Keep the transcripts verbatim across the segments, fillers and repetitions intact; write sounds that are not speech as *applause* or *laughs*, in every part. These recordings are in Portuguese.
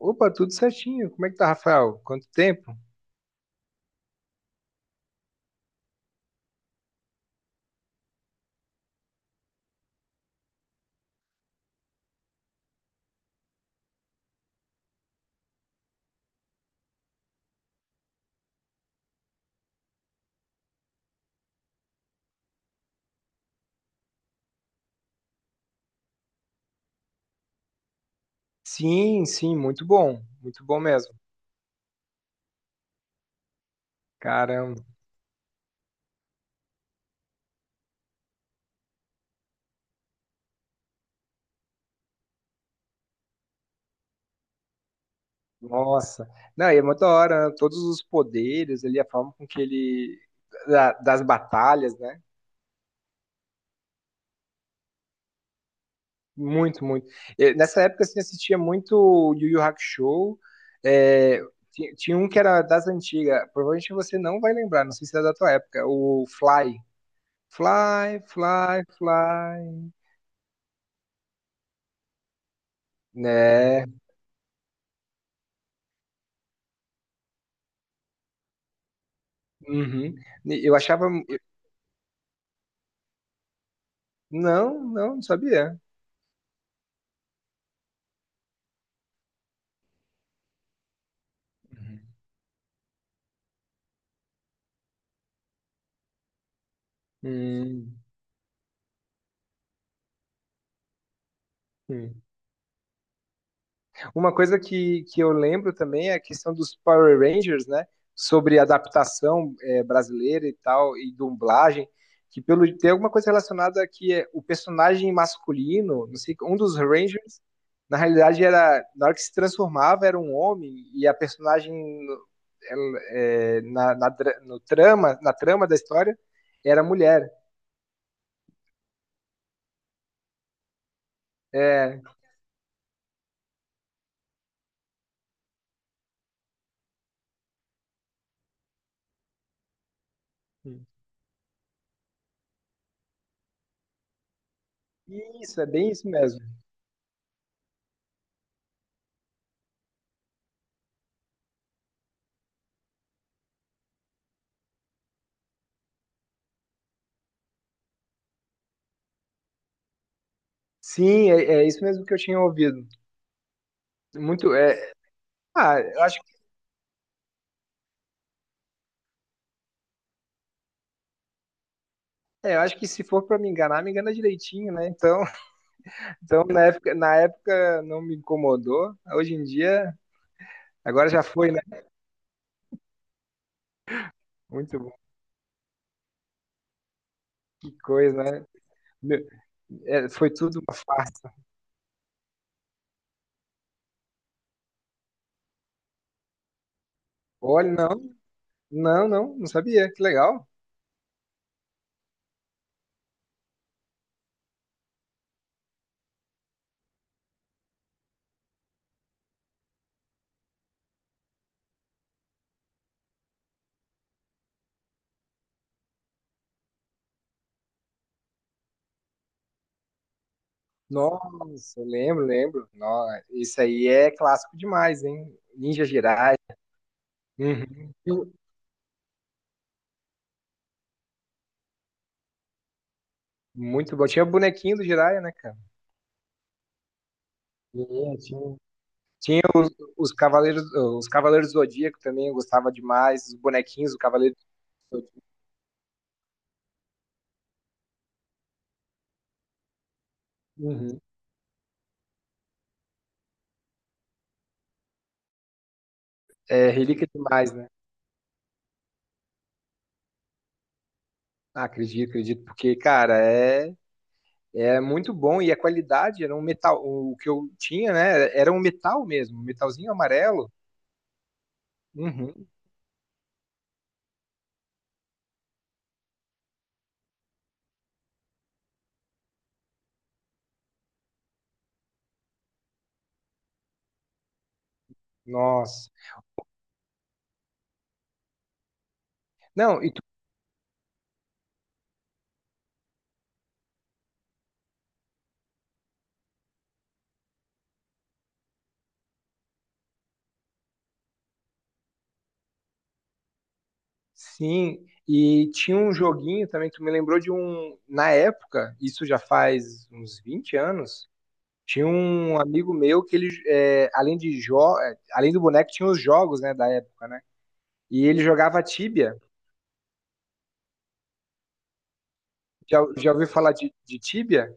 Opa, tudo certinho. Como é que tá, Rafael? Quanto tempo? Sim, sim, muito bom. Muito bom mesmo. Caramba, nossa. Não, e é muito da hora, né? Todos os poderes ali, a forma com que ele. Da- das batalhas, né? Muito, muito. Eh, Nessa época, assim, assistia muito Yu Yu Hakusho. É, ti- tinha um que era das antigas. Provavelmente você não vai lembrar, não sei se era da tua época. O Fly. Fly, fly, fly. Né? Uhum. Eu achava. Não, não, não sabia. Uhum. Hum, hum. Uma coisa que, que eu lembro também é a questão dos Power Rangers, né? Sobre adaptação é, brasileira e tal, e dublagem, que pelo tem alguma coisa relacionada que é o personagem masculino, não sei, um dos Rangers, na realidade era, na hora que se transformava era um homem, e a personagem no- ela, é, na, na, dra- no trama, na trama da história era mulher. É, isso, é bem isso mesmo. Sim, é, é isso mesmo que eu tinha ouvido. Muito, é, ah, eu acho, é, eu acho que se for para me enganar, me engana direitinho, né? Então, *laughs* então na época, na época não me incomodou. Hoje em dia, agora já foi, né? Muito bom, que coisa, né? Meu, é, foi tudo uma farsa. Olha, não, não, não, não sabia. Que legal. Nossa, lembro, lembro. Nossa, isso aí é clássico demais, hein? Ninja Jiraiya. Uhum. Muito bom. Tinha o bonequinho do Jiraiya, né, cara? É, tinha. Os Cavaleiros, os Cavaleiros do Zodíaco também eu gostava demais, os bonequinhos do Cavaleiro do Zodíaco. Uhum. É relíquia demais, né? Ah, acredito, acredito, porque, cara, é, é muito bom e a qualidade era um metal. O que eu tinha, né? Era um metal mesmo, um metalzinho amarelo. Uhum. Nossa. Não, e tu, sim, e tinha um joguinho também, tu me lembrou de um. Na época, isso já faz uns vinte anos. Tinha um amigo meu que ele, é, além de jo é, além do boneco, tinha os jogos, né, da época, né? E ele jogava Tibia. Já, já ouviu falar de, de Tibia?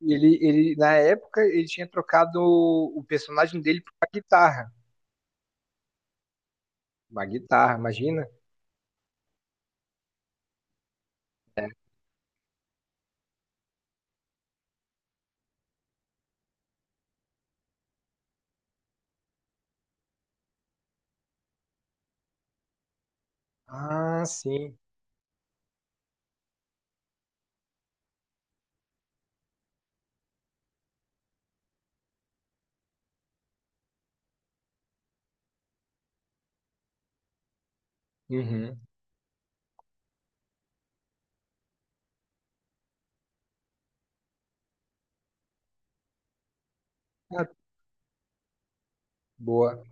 Ele, ele, na época, ele tinha trocado o, o personagem dele por uma guitarra. Uma guitarra, imagina? Ah, sim. Uhum. Ah, boa. *laughs*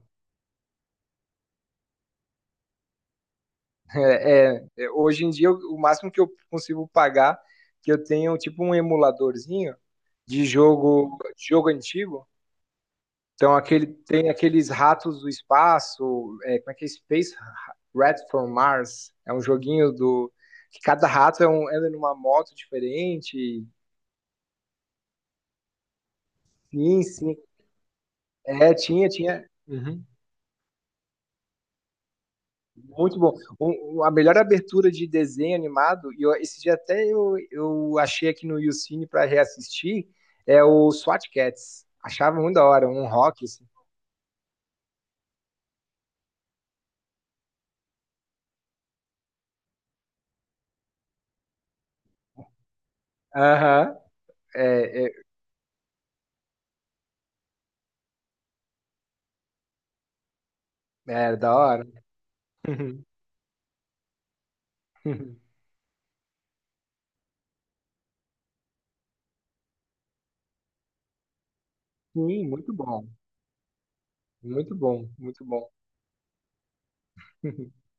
É, é, é, hoje em dia, o máximo que eu consigo pagar, que eu tenho tipo um emuladorzinho de jogo, de jogo antigo. Então, aquele, tem aqueles ratos do espaço, é, como é que é? Space Rat from Mars. É um joguinho do que cada rato é um, anda numa moto diferente. Sim, sim. É, tinha, tinha. Uhum. Muito bom. Um- um- a melhor abertura de desenho animado, e eu- esse dia até eu, eu achei aqui no YouCine para reassistir, é o SWAT Cats. Achava muito da hora, um rock, assim. Aham. É, é, é, da hora. *laughs* Sim, muito bom. Muito bom, muito bom. *laughs*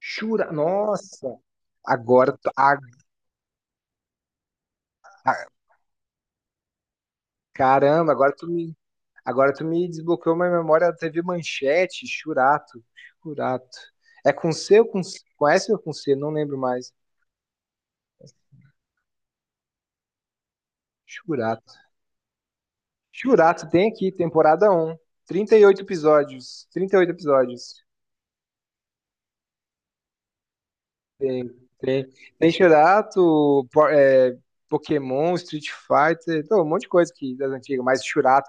Shura, nossa! Agora, tu- a- a- caramba, agora tu me, agora tu me desbloqueou minha memória da T V Manchete, Churato, Churato. É com C ou com C? Conhece ou com C? Não lembro mais. Churato. Churato tem aqui, temporada um, trinta e oito episódios. Trinta e oito episódios. Tem, tem Churato, po- é, Pokémon, Street Fighter, pô, um monte de coisa aqui das antigas, mas Churato.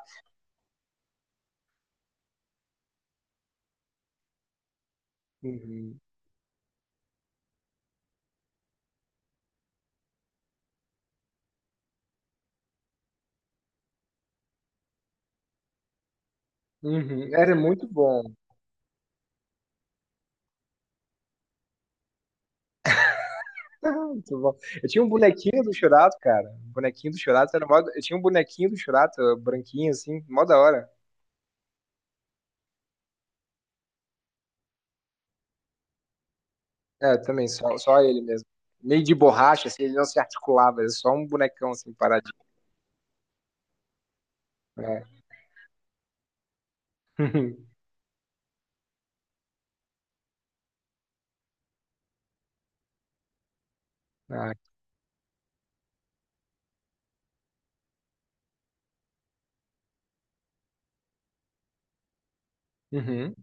Uhum, era muito bom. *laughs* Muito bom. Eu tinha um bonequinho do Churato, cara. O bonequinho do Churato era mó... Eu tinha um bonequinho do Churato, eh, branquinho, assim, mó da hora. É, eu também, só, só ele mesmo. Meio de borracha, assim, ele não se articulava, era só um bonecão, assim, paradinho. É. *laughs* Ah, uhum.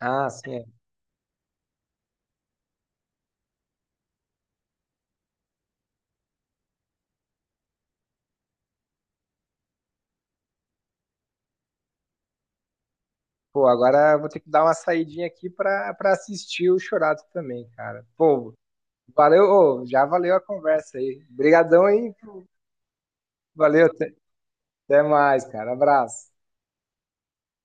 Ah, sim. É. Pô, agora eu vou ter que dar uma saidinha aqui pra, pra assistir o Churato também, cara. Pô, valeu, ô, já valeu a conversa aí. Obrigadão aí. Valeu, até até mais, cara. Abraço.